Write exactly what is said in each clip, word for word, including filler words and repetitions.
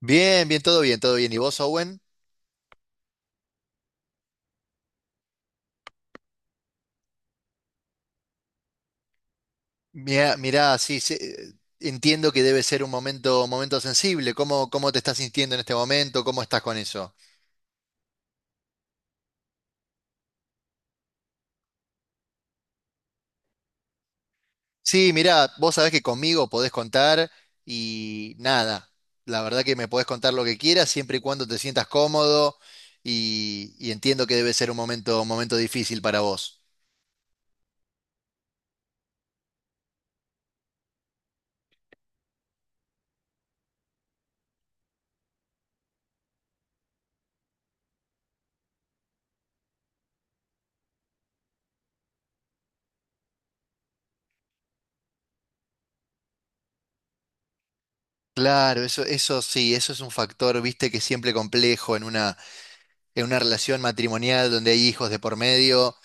Bien, bien, todo bien, todo bien. ¿Y vos, Owen? Mirá, mirá, sí, sí, eh, entiendo que debe ser un momento, momento sensible. ¿Cómo, cómo te estás sintiendo en este momento? ¿Cómo estás con eso? Sí, mirá, vos sabés que conmigo podés contar y nada. La verdad que me podés contar lo que quieras siempre y cuando te sientas cómodo y, y entiendo que debe ser un momento, momento difícil para vos. Claro, eso, eso sí, eso es un factor, viste, que es siempre complejo en una, en una relación matrimonial donde hay hijos de por medio.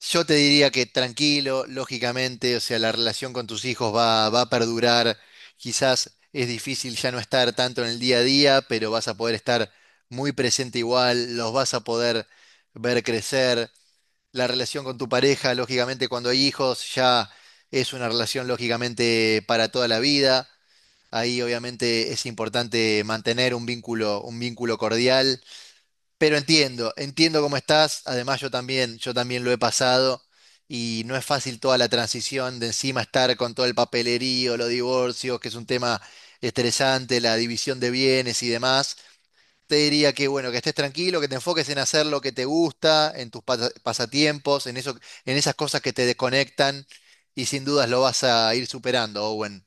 Yo te diría que tranquilo, lógicamente, o sea, la relación con tus hijos va, va a perdurar. Quizás es difícil ya no estar tanto en el día a día, pero vas a poder estar muy presente igual, los vas a poder ver crecer. La relación con tu pareja, lógicamente, cuando hay hijos, ya es una relación, lógicamente, para toda la vida. Ahí, obviamente, es importante mantener un vínculo, un vínculo cordial pero entiendo, entiendo cómo estás. Además, yo también, yo también lo he pasado y no es fácil toda la transición de encima estar con todo el papelerío, los divorcios, que es un tema estresante, la división de bienes y demás. Te diría que bueno, que estés tranquilo, que te enfoques en hacer lo que te gusta, en tus pasa- pasatiempos, en eso, en esas cosas que te desconectan y sin dudas lo vas a ir superando, Owen.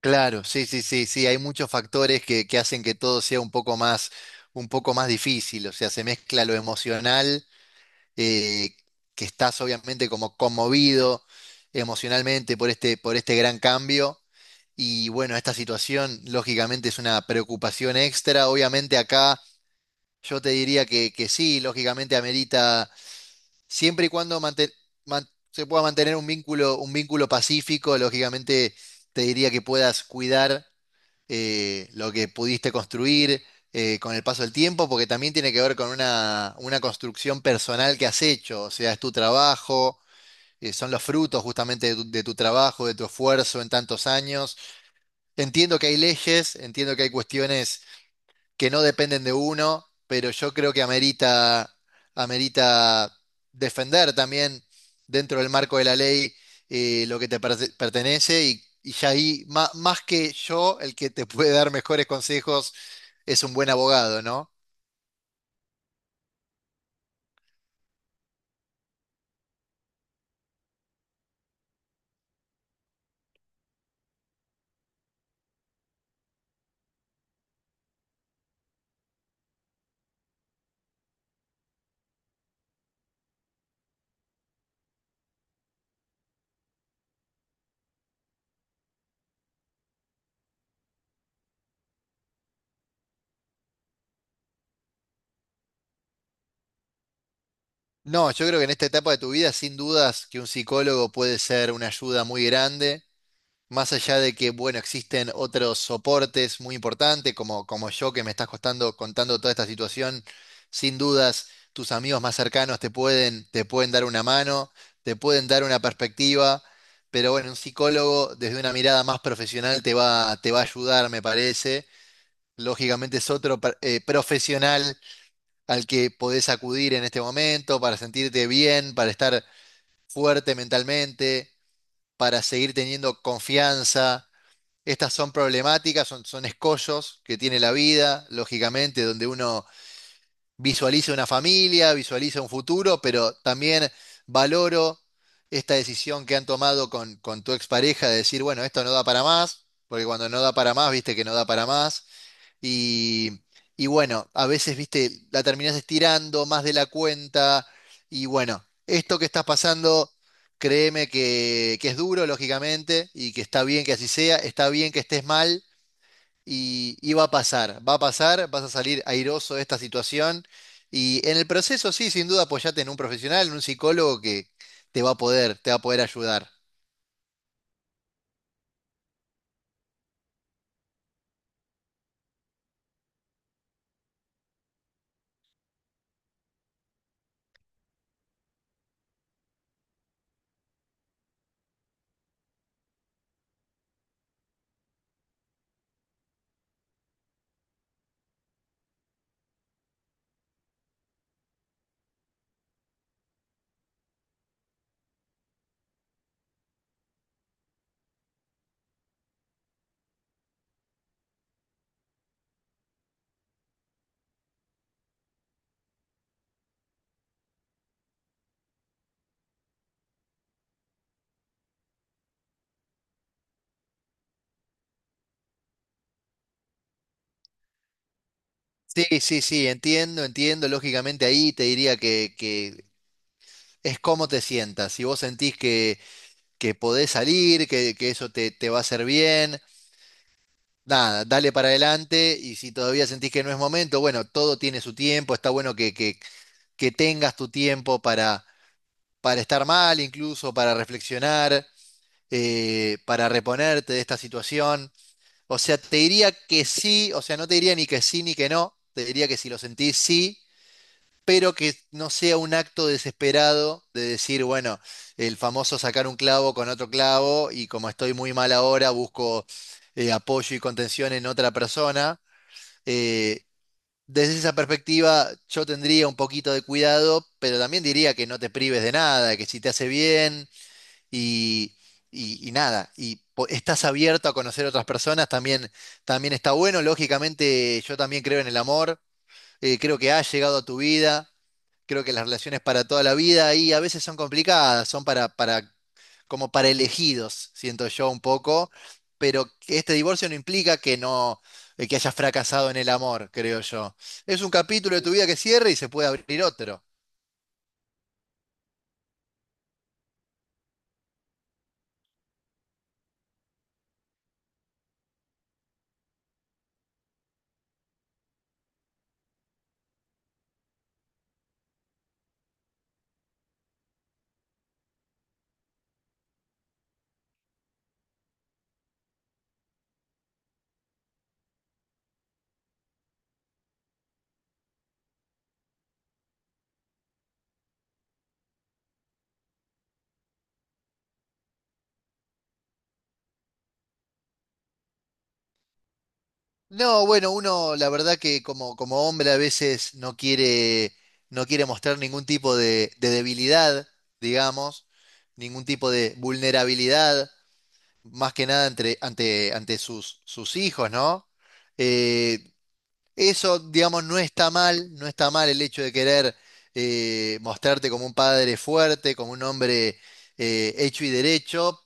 Claro, sí, sí, sí, sí, hay muchos factores que, que hacen que todo sea un poco más, un poco más difícil, o sea, se mezcla lo emocional, eh, que estás obviamente como conmovido emocionalmente por este, por este gran cambio, y bueno, esta situación lógicamente es una preocupación extra. Obviamente acá yo te diría que, que sí, lógicamente amerita siempre y cuando manten- man- se pueda mantener un vínculo, un vínculo pacífico. Lógicamente te diría que puedas cuidar eh, lo que pudiste construir eh, con el paso del tiempo, porque también tiene que ver con una, una construcción personal que has hecho, o sea, es tu trabajo, eh, son los frutos justamente de tu, de tu trabajo, de tu esfuerzo en tantos años. Entiendo que hay leyes, entiendo que hay cuestiones que no dependen de uno, pero yo creo que amerita, amerita defender también dentro del marco de la ley eh, lo que te perte- pertenece y, y ya ahí, ma- más, que yo, el que te puede dar mejores consejos es un buen abogado, ¿no? No, yo creo que en esta etapa de tu vida, sin dudas, que un psicólogo puede ser una ayuda muy grande. Más allá de que, bueno, existen otros soportes muy importantes, como, como yo que me estás costando, contando toda esta situación, sin dudas tus amigos más cercanos te pueden, te pueden dar una mano, te pueden dar una perspectiva, pero bueno, un psicólogo desde una mirada más profesional te va, te va a ayudar, me parece. Lógicamente es otro per- eh, profesional al que podés acudir en este momento para sentirte bien, para estar fuerte mentalmente, para seguir teniendo confianza. Estas son problemáticas, son, son escollos que tiene la vida, lógicamente, donde uno visualiza una familia, visualiza un futuro, pero también valoro esta decisión que han tomado con, con tu expareja de decir, bueno, esto no da para más, porque cuando no da para más, viste que no da para más. Y, y bueno, a veces, viste, la terminás estirando más de la cuenta. Y bueno, esto que estás pasando, créeme que, que es duro, lógicamente, y que está bien que así sea, está bien que estés mal, y, y va a pasar, va a pasar, vas a salir airoso de esta situación y en el proceso sí, sin duda apoyate en un profesional, en un psicólogo que te va a poder, te va a poder ayudar. Sí, sí, sí, entiendo, entiendo. Lógicamente ahí te diría que, que es cómo te sientas. Si vos sentís que, que podés salir, que, que eso te, te va a hacer bien, nada, dale para adelante. Y si todavía sentís que no es momento, bueno, todo tiene su tiempo. Está bueno que, que, que tengas tu tiempo para estar mal incluso, para reflexionar, eh, para reponerte de esta situación. O sea, te diría que sí, o sea, no te diría ni que sí ni que no, te diría que si lo sentís sí, pero que no sea un acto desesperado de decir, bueno, el famoso sacar un clavo con otro clavo y como estoy muy mal ahora, busco eh, apoyo y contención en otra persona. Eh, desde esa perspectiva yo tendría un poquito de cuidado, pero también diría que no te prives de nada, que si te hace bien, y, y- y nada, y po- estás abierto a conocer otras personas, también, también está bueno. Lógicamente, yo también creo en el amor, eh, creo que ha llegado a tu vida, creo que las relaciones para toda la vida y a veces son complicadas, son para, para, como para elegidos, siento yo un poco, pero que este divorcio no implica que no, eh, que hayas fracasado en el amor, creo yo. Es un capítulo de tu vida que cierra y se puede abrir otro. No, bueno, uno la verdad que como, como hombre a veces no quiere, no quiere mostrar ningún tipo de, de debilidad, digamos, ningún tipo de vulnerabilidad, más que nada entre, ante, ante sus, sus hijos, ¿no? Eh, eso, digamos, no está mal, no está mal el hecho de querer eh, mostrarte como un padre fuerte, como un hombre eh, hecho y derecho,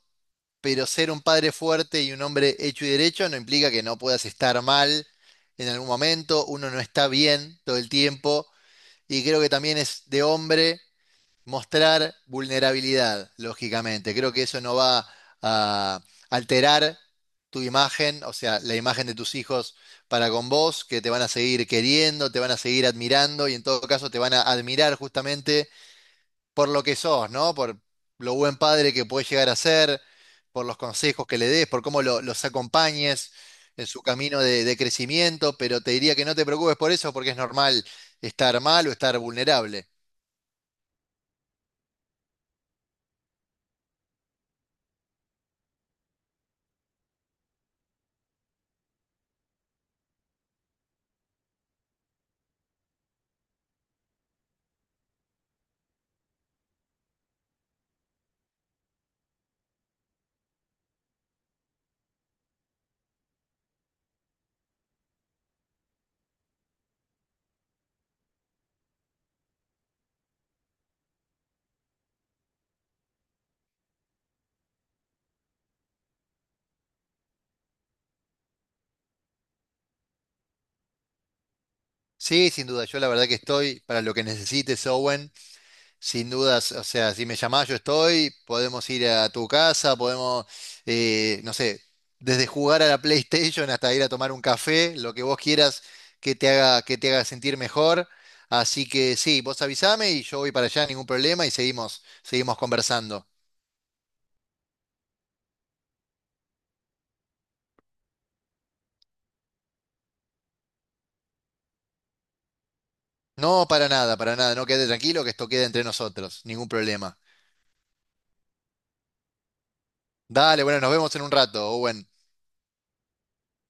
pero ser un padre fuerte y un hombre hecho y derecho no implica que no puedas estar mal en algún momento, uno no está bien todo el tiempo, y creo que también es de hombre mostrar vulnerabilidad, lógicamente. Creo que eso no va a alterar tu imagen, o sea, la imagen de tus hijos para con vos, que te van a seguir queriendo, te van a seguir admirando y en todo caso te van a admirar justamente por lo que sos, ¿no? Por lo buen padre que puedes llegar a ser, por los consejos que le des, por cómo lo- los acompañes en su camino de, de crecimiento, pero te diría que no te preocupes por eso porque es normal estar mal o estar vulnerable. Sí, sin duda, yo la verdad que estoy para lo que necesites, Owen. Sin dudas, o sea, si me llamás yo estoy, podemos ir a tu casa, podemos, eh, no sé, desde jugar a la PlayStation hasta ir a tomar un café, lo que vos quieras que te haga, que te haga sentir mejor. Así que sí, vos avísame y yo voy para allá, ningún problema, y seguimos, seguimos conversando. No, para nada, para nada, no quede tranquilo que esto quede entre nosotros, ningún problema. Dale, bueno, nos vemos en un rato, Owen.